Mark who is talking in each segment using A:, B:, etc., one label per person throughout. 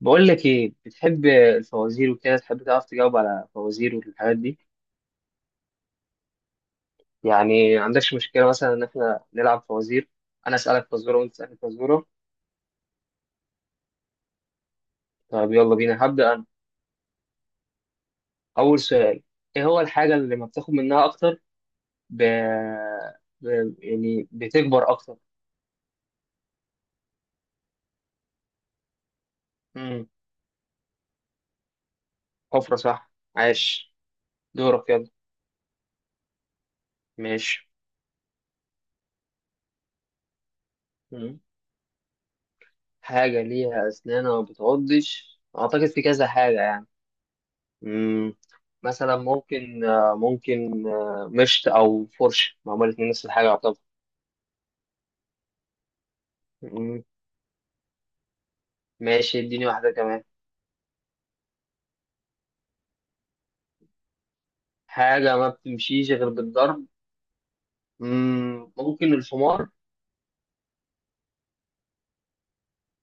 A: بقول لك ايه، بتحب الفوازير وكده؟ تحب تعرف تجاوب على فوازير والحاجات دي؟ يعني ما عندكش مشكلة مثلا ان احنا نلعب فوازير؟ انا اسالك فزورة وانت تسالني فزورة. طب يلا بينا، هبدأ انا. اول سؤال: ايه هو الحاجة اللي لما بتاخد منها اكتر ب... يعني بتكبر اكتر؟ امم حفرة، صح، عاش. دورك، يلا. ماشي. مم. حاجة ليها اسنان وما بتعضش، اعتقد في كذا حاجة يعني. مم، مثلا ممكن ممكن مشط او فرشه، ما هما الاتنين نفس الحاجه يعتبر. مم، ماشي، اديني واحده كمان. حاجه ما بتمشيش غير بالضرب. ممكن الحمار.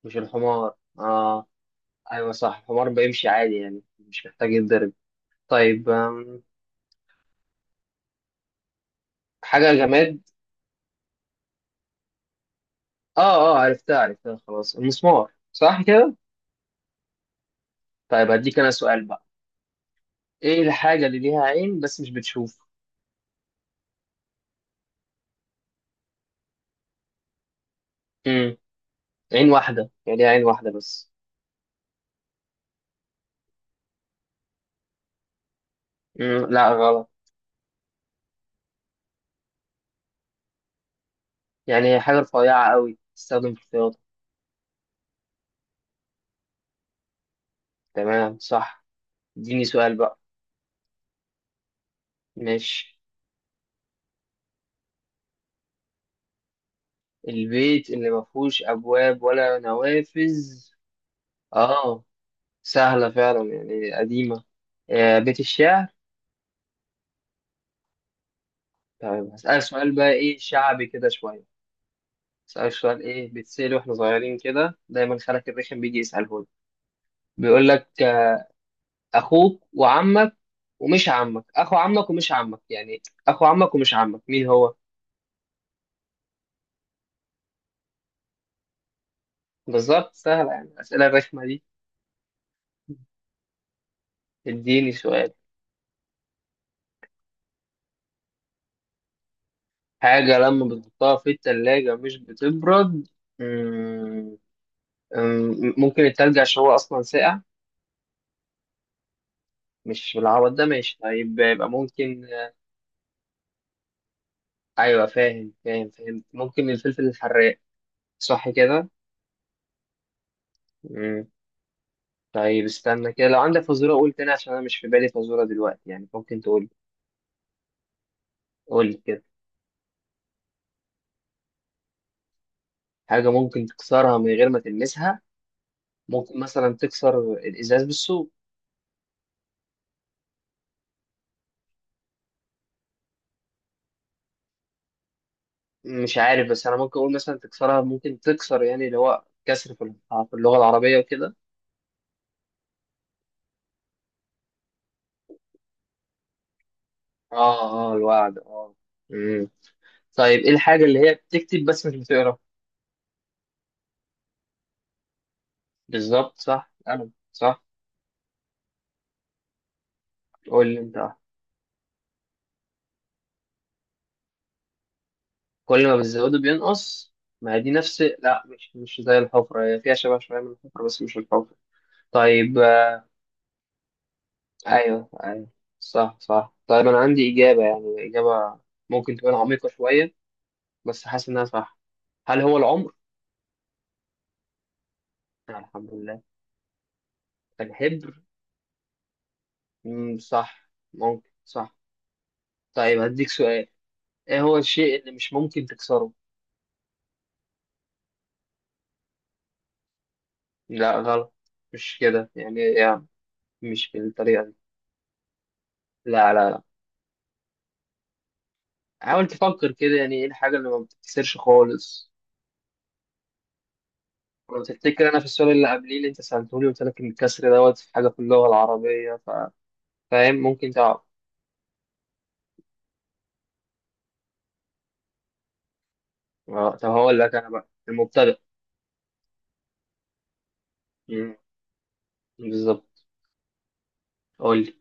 A: مش الحمار، اه. ايوه صح، الحمار بيمشي عادي يعني، مش محتاج يتضرب. طيب. حاجه جماد. اه اه، عرفتها عرفتها، خلاص المسمار، صح كده. طيب هديك انا سؤال بقى: ايه الحاجه اللي ليها عين بس مش بتشوف؟ مم، عين واحده يعني، ليها عين واحده بس. لا غلط. يعني هي حاجة رفيعة قوي تستخدم في الرياضة. تمام صح. اديني سؤال بقى. ماشي. البيت اللي ما فيهوش أبواب ولا نوافذ. اه، سهلة فعلا يعني، قديمة. بيت الشعر. طيب هسألك سؤال بقى، ايه شعبي كده شوية. هسألك سؤال ايه بيتسأل واحنا صغيرين كده دايما، خالك الرخم بيجي يسأله لي. بيقول لك أخوك وعمك ومش عمك، أخو عمك ومش عمك يعني، أخو عمك ومش عمك، مين هو؟ بالظبط، سهلة يعني الأسئلة الرخمة دي. اديني سؤال. حاجة لما بتحطها في التلاجة مش بتبرد. مم، ممكن التلج، عشان هو أصلا ساقع. مش بالعوض ده، ماشي طيب، يبقى ممكن. أيوة فاهم فاهم فاهم، ممكن الفلفل الحراق. صح كده. مم، طيب استنى كده، لو عندك فزورة قول تاني، عشان أنا مش في بالي فزورة دلوقتي يعني، ممكن تقول. قول كده. حاجة ممكن تكسرها من غير ما تلمسها. ممكن مثلا تكسر الإزاز بالسوق. مش عارف، بس انا ممكن اقول مثلا تكسرها ممكن تكسر، يعني اللي هو كسر في اللغه العربيه وكده. اه اه، الوعد، اه. امم طيب، ايه الحاجه اللي هي بتكتب بس مش بتقرا؟ بالظبط، صح انا صح. قول لي انت كل ما بتزوده بينقص. ما هي دي نفس، لا مش زي الحفره، هي فيها شبه شويه من الحفره بس مش الحفره. طيب ايوه ايوه، صح صح. طيب انا عندي اجابه، يعني اجابه ممكن تكون عميقه شويه، بس حاسس انها صح. هل هو العمر؟ الحمد لله. الحبر. صح، ممكن، صح. طيب هديك سؤال. ايه هو الشيء اللي مش ممكن تكسره؟ لا غلط. مش كده يعني، يعني مش بالطريقة دي. لا لا لا، حاول تفكر كده يعني، ايه الحاجة اللي ما بتتكسرش خالص. لو تفتكر انا في السؤال اللي قبليه اللي انت سألتوني قلت لك ان الكسر دوت في حاجة في اللغة العربية فاهم؟ ممكن تعرف؟ طب هقول لك انا بقى، المبتدأ. مم، بالظبط. قول لي.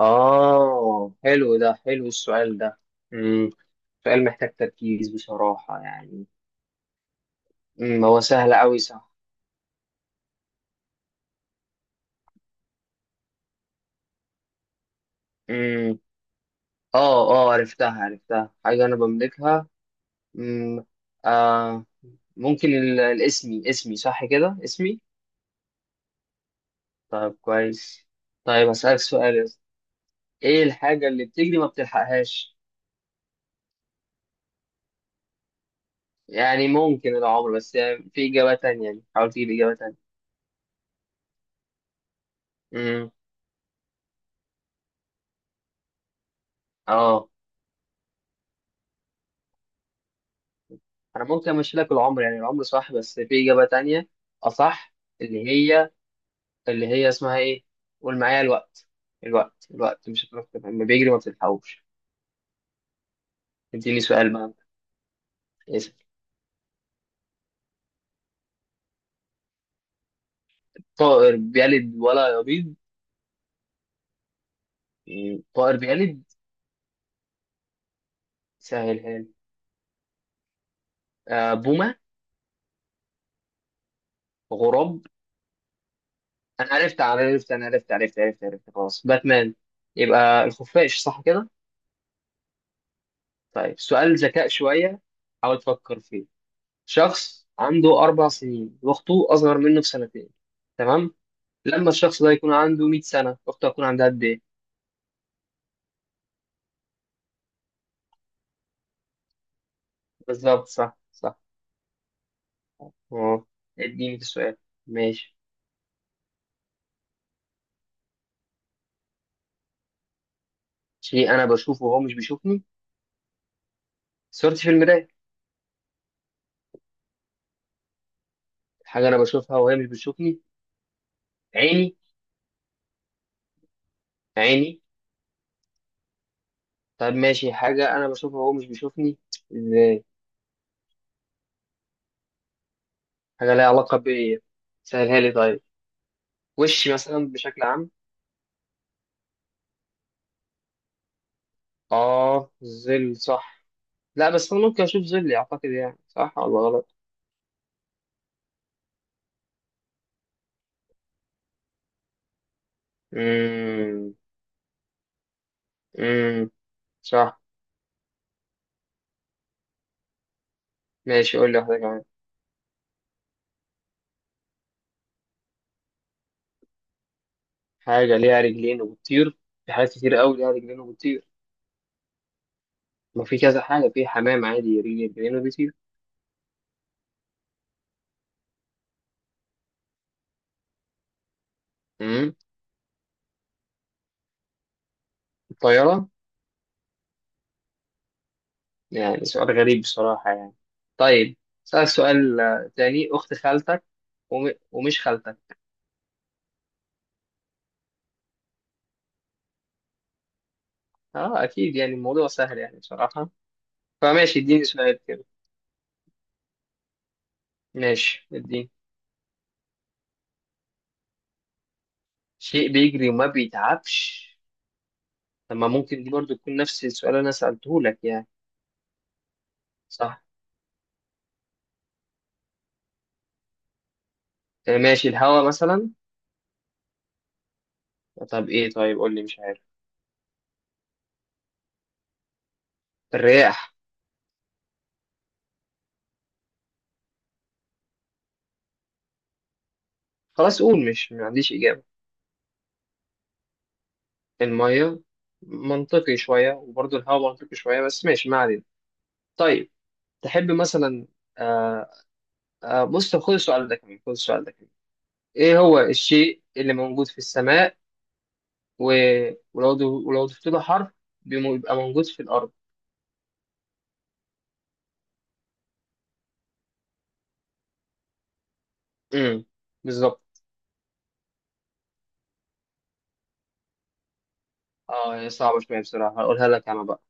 A: آه حلو، ده حلو السؤال ده. مم. سؤال محتاج تركيز بصراحة يعني. هو سهل أوي صح. مم. آه آه، عرفتها عرفتها، حاجة أنا بملكها. مم. آه، ممكن الاسمي، اسمي، صح كده، اسمي. طيب كويس. طيب هسألك سؤال يا اسطى. إيه الحاجة اللي بتجري ما بتلحقهاش؟ يعني ممكن العمر، بس يعني في إجابة تانية، يعني حاول تجيب إجابة تانية. مم. آه. انا ممكن امشي لك العمر، يعني العمر صح، بس في اجابه تانية. اصح، اللي هي، اللي هي اسمها ايه؟ قول معايا: الوقت. الوقت، الوقت مش هتعرف تفهم، لما بيجري ما بتلحقوش. اديني سؤال بقى. اسأل. طائر بيلد ولا يبيض. طائر بيلد. سهلها لي. آه، بومه. غراب. انا عرفت انا عرفت انا عرفت، عرفت عرفت عرفت، خلاص، باتمان، يبقى الخفاش، صح كده. طيب سؤال ذكاء شويه، حاول تفكر فيه. شخص عنده أربع سنين وأخته أصغر منه بسنتين، تمام. لما الشخص ده يكون عنده 100 سنة، أخته هتكون عندها قد إيه؟ بالظبط، صح صح. أه، اديني في السؤال. ماشي. شيء أنا بشوفه وهو مش بيشوفني. صورتي في المراية. حاجة أنا بشوفها وهي مش بتشوفني. عيني. عيني. طب ماشي، حاجة أنا بشوفها وهو مش بيشوفني. إزاي؟ حاجة ليها علاقة بإيه؟ سهلها لي طيب. وشي مثلا بشكل عام. آه، ظل، صح. لا بس أنا ممكن أشوف ظلي، أعتقد يعني، صح ولا غلط؟ امم امم صح. ماشي، قول لي واحدة كمان. حاجة ليها رجلين وبتطير. في حاجات كتير قوي ليها رجلين وبتطير. ما في كذا حاجة، في حمام عادي رجلين، رجلين وبيطير. امم الطيارة. يعني سؤال غريب بصراحة يعني. طيب، سألك سؤال تاني: أخت خالتك ومش خالتك. اه أكيد، يعني الموضوع سهل يعني بصراحة. فماشي، اديني سؤال كده. ماشي اديني. شيء بيجري وما بيتعبش. طب ما ممكن دي برضو تكون نفس السؤال اللي أنا سألته لك يعني. صح. ماشي، الهوا مثلا. طب ايه، طيب قول لي، مش عارف. الرياح. خلاص قول، مش ما عنديش إجابة. المية. منطقي شوية، وبرضه الهوا منطقي شوية، بس ماشي ما علينا. طيب، تحب مثلا، آه آه، بص طب خد السؤال ده كمان، خد السؤال ده كمان. ايه هو الشيء اللي موجود في السماء و... ولو ضفت له حرف بيبقى موجود في الأرض؟ امم بالظبط. اه صعبة شوية بصراحة، هقولها لك انا بقى.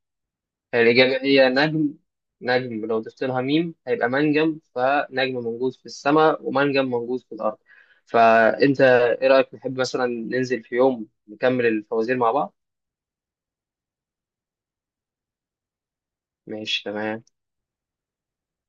A: الإجابة هي نجم. نجم لو ضفت لها ميم هيبقى منجم، فنجم موجود في السماء ومنجم موجود في الأرض. فأنت إيه رأيك، نحب مثلا ننزل في يوم نكمل الفوازير مع بعض؟ ماشي تمام.